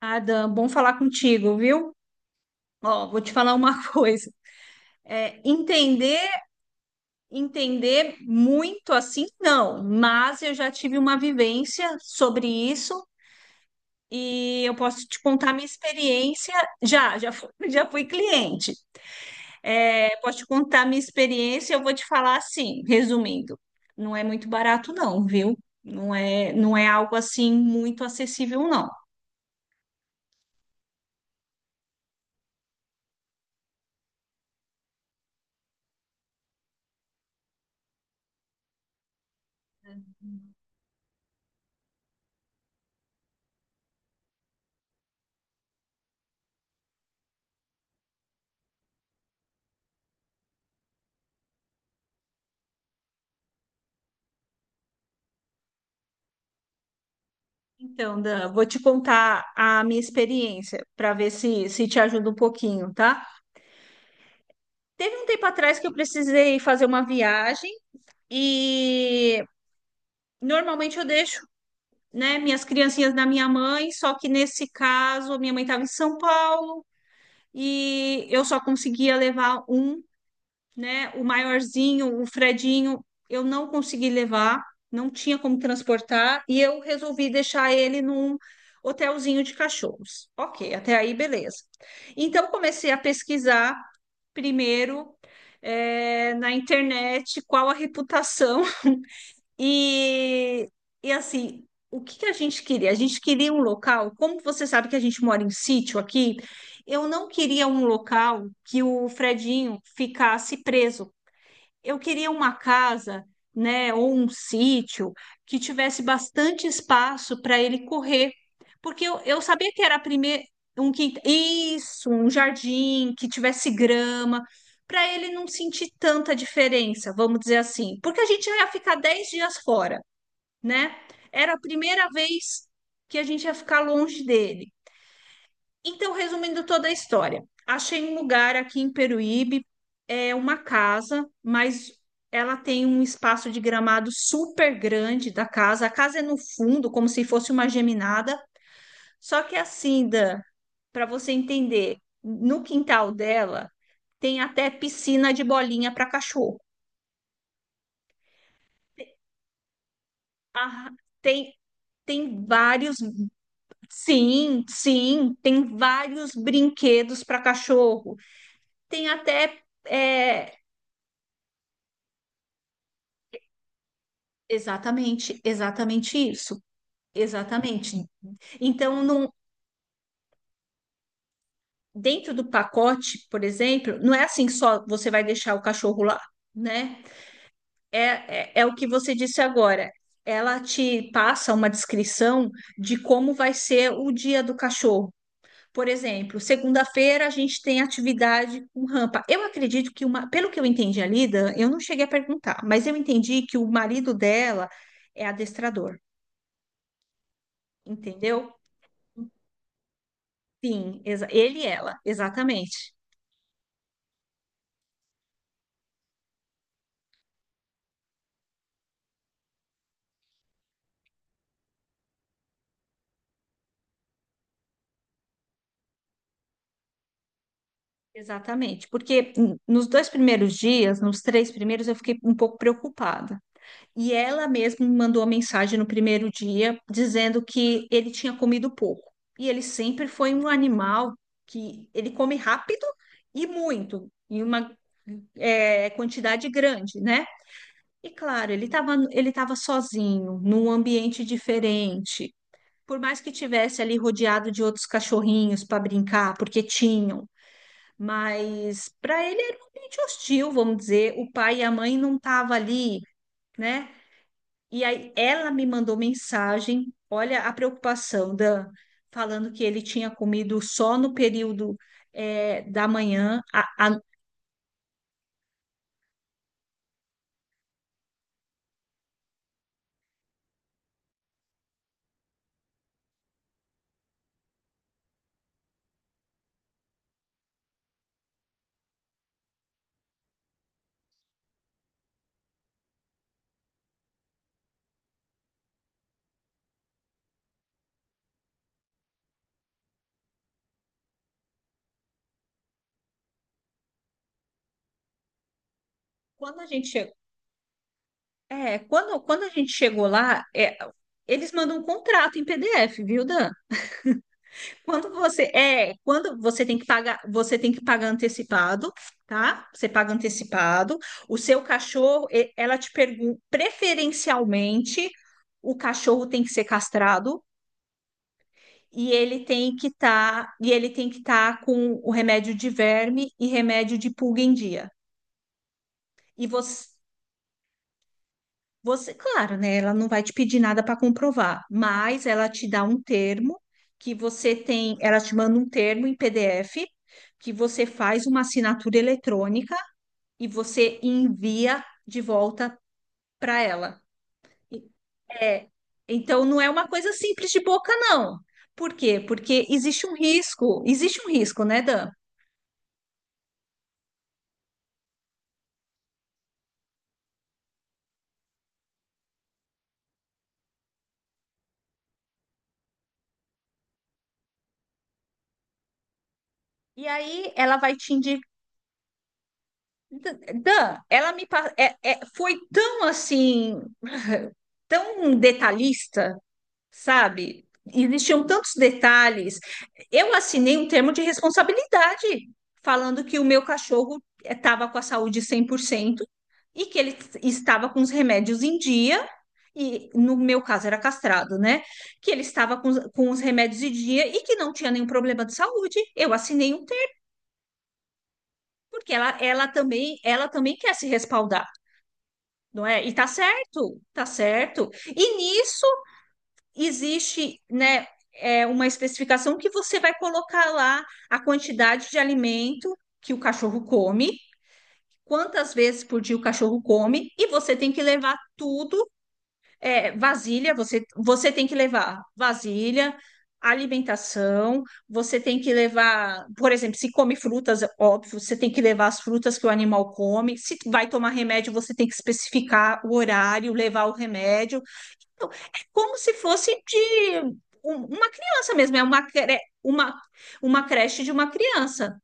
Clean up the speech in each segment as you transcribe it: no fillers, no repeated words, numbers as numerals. Adam, bom falar contigo, viu? Ó, vou te falar uma coisa. É, entender, Entender muito assim, não, mas eu já tive uma vivência sobre isso e eu posso te contar minha experiência. Já fui cliente. É, posso te contar minha experiência, eu vou te falar assim, resumindo. Não é muito barato, não, viu? Não é algo assim muito acessível, não. Então, Dan, vou te contar a minha experiência para ver se te ajuda um pouquinho, tá? Teve um tempo atrás que eu precisei fazer uma viagem e normalmente eu deixo, né, minhas criancinhas na minha mãe, só que nesse caso minha mãe estava em São Paulo e eu só conseguia levar um, né? O maiorzinho, o Fredinho, eu não consegui levar, não tinha como transportar, e eu resolvi deixar ele num hotelzinho de cachorros. Ok, até aí beleza. Então comecei a pesquisar primeiro na internet qual a reputação e, e assim. O que que a gente queria? A gente queria um local, como você sabe que a gente mora em sítio aqui, eu não queria um local que o Fredinho ficasse preso, eu queria uma casa, né, ou um sítio que tivesse bastante espaço para ele correr, porque eu sabia que era primeiro isso, um jardim que tivesse grama, para ele não sentir tanta diferença, vamos dizer assim, porque a gente já ia ficar 10 dias fora, né? Era a primeira vez que a gente ia ficar longe dele. Então, resumindo toda a história, achei um lugar aqui em Peruíbe, é uma casa, mas ela tem um espaço de gramado super grande da casa. A casa é no fundo, como se fosse uma geminada, só que assim, Dan, para você entender, no quintal dela tem até piscina de bolinha para cachorro. Ah, tem tem vários, sim, sim, tem vários brinquedos para cachorro. Tem até é, exatamente, exatamente isso. Exatamente. Então, não, dentro do pacote, por exemplo, não é assim só você vai deixar o cachorro lá, né? É, é o que você disse agora. Ela te passa uma descrição de como vai ser o dia do cachorro. Por exemplo, segunda-feira a gente tem atividade com rampa. Eu acredito que uma, pelo que eu entendi ali, Dan, eu não cheguei a perguntar, mas eu entendi que o marido dela é adestrador, entendeu? Sim, ele e ela, exatamente. Exatamente. Porque nos dois primeiros dias, nos três primeiros, eu fiquei um pouco preocupada. E ela mesma me mandou uma mensagem no primeiro dia dizendo que ele tinha comido pouco. E ele sempre foi um animal que ele come rápido e muito, em uma quantidade grande, né? E claro, ele estava sozinho, num ambiente diferente. Por mais que tivesse ali rodeado de outros cachorrinhos para brincar, porque tinham, mas para ele era um ambiente hostil, vamos dizer. O pai e a mãe não estavam ali, né? E aí ela me mandou mensagem, olha a preocupação, Dan, falando que ele tinha comido só no período da manhã. Quando a gente chegou, quando a gente chegou lá, eles mandam um contrato em PDF, viu, Dan? Quando você tem que pagar, você tem que pagar antecipado, tá? Você paga antecipado. O seu cachorro, ela te pergunta, preferencialmente, o cachorro tem que ser castrado e ele tem que estar, e ele tem que estar com o remédio de verme e remédio de pulga em dia. E você Você, claro, né? Ela não vai te pedir nada para comprovar, mas ela te dá um termo que você tem, ela te manda um termo em PDF que você faz uma assinatura eletrônica e você envia de volta para ela. E- É, então não é uma coisa simples de boca, não. Por quê? Porque existe um risco, né, Dan? E aí ela vai te indicar. Dan, ela me pa- é- é- foi tão assim, tão detalhista, sabe? Existiam tantos detalhes. Eu assinei um termo de responsabilidade falando que o meu cachorro estava com a saúde 100% e que ele estava com os remédios em dia, e no meu caso era castrado, né? Que ele estava com, com os remédios em dia e que não tinha nenhum problema de saúde. Eu assinei um termo, porque ela também quer se respaldar, não é? E tá certo, tá certo. E nisso existe, né, é, uma especificação que você vai colocar lá a quantidade de alimento que o cachorro come, quantas vezes por dia o cachorro come, e você tem que levar tudo, é, vasilha, você tem que levar vasilha, alimentação, você tem que levar, por exemplo, se come frutas, óbvio, você tem que levar as frutas que o animal come, se vai tomar remédio, você tem que especificar o horário, levar o remédio, então, é como se fosse de uma criança mesmo, é uma, uma creche de uma criança.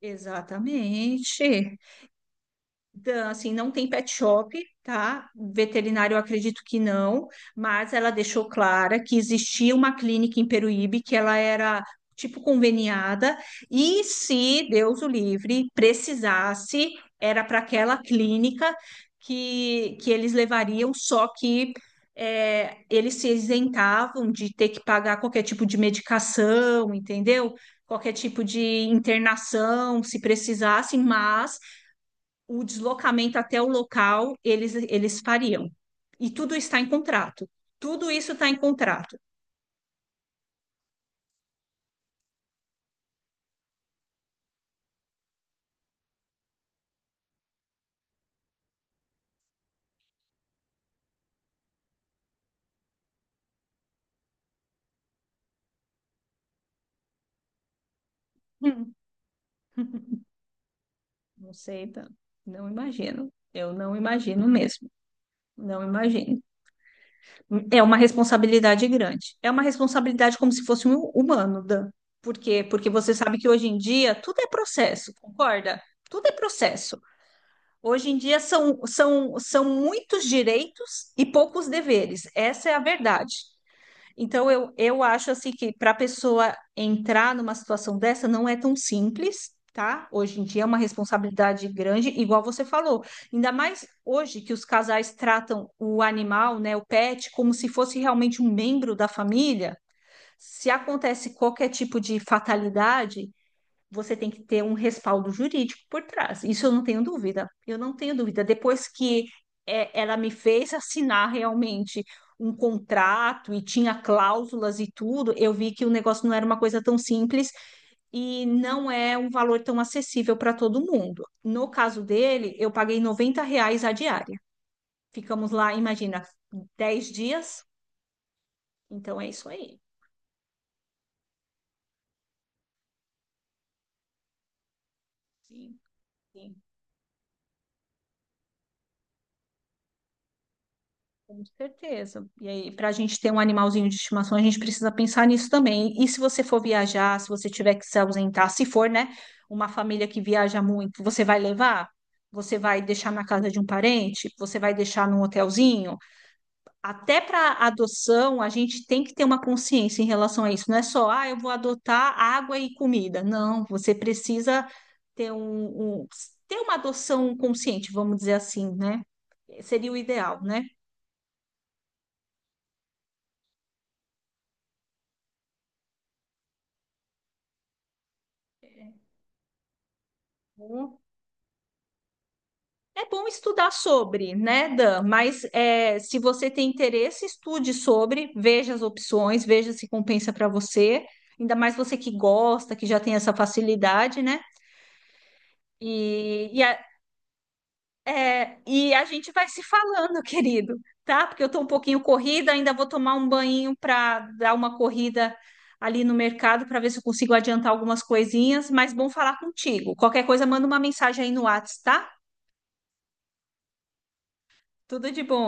Exatamente. Então, assim, não tem pet shop, tá? Veterinário, eu acredito que não, mas ela deixou clara que existia uma clínica em Peruíbe que ela era tipo conveniada e se Deus o livre precisasse, era para aquela clínica que eles levariam, só que é, eles se isentavam de ter que pagar qualquer tipo de medicação, entendeu? Qualquer tipo de internação, se precisasse, mas o deslocamento até o local eles fariam. E tudo está em contrato. Tudo isso está em contrato. Hum. Não sei, tá? Não imagino. Eu não imagino mesmo. Não imagino. É uma responsabilidade grande. É uma responsabilidade como se fosse um humano, Dan. Por quê? Porque você sabe que hoje em dia tudo é processo, concorda? Tudo é processo. Hoje em dia são muitos direitos e poucos deveres. Essa é a verdade. Então, eu acho assim que para a pessoa entrar numa situação dessa não é tão simples, tá? Hoje em dia é uma responsabilidade grande, igual você falou. Ainda mais hoje que os casais tratam o animal, né, o pet, como se fosse realmente um membro da família. Se acontece qualquer tipo de fatalidade, você tem que ter um respaldo jurídico por trás. Isso eu não tenho dúvida. Eu não tenho dúvida. Depois que é, ela me fez assinar realmente um contrato e tinha cláusulas e tudo, eu vi que o negócio não era uma coisa tão simples e não é um valor tão acessível para todo mundo. No caso dele, eu paguei R$ reais a diária. Ficamos lá, imagina, 10 dias. Então é isso aí. Sim. Sim. Com certeza. E aí, para a gente ter um animalzinho de estimação, a gente precisa pensar nisso também. E se você for viajar, se você tiver que se ausentar, se for, né, uma família que viaja muito, você vai levar? Você vai deixar na casa de um parente? Você vai deixar num hotelzinho? Até para adoção, a gente tem que ter uma consciência em relação a isso. Não é só, ah, eu vou adotar água e comida. Não, você precisa ter ter uma adoção consciente, vamos dizer assim, né? Seria o ideal, né? É bom estudar sobre, né, Dan? Mas é, se você tem interesse, estude sobre, veja as opções, veja se compensa para você. Ainda mais você que gosta, que já tem essa facilidade, né? E, e, a, e a gente vai se falando, querido, tá? Porque eu tô um pouquinho corrida, ainda vou tomar um banho para dar uma corrida ali no mercado para ver se eu consigo adiantar algumas coisinhas. Mas bom falar contigo. Qualquer coisa, manda uma mensagem aí no WhatsApp, tá? Tudo de bom.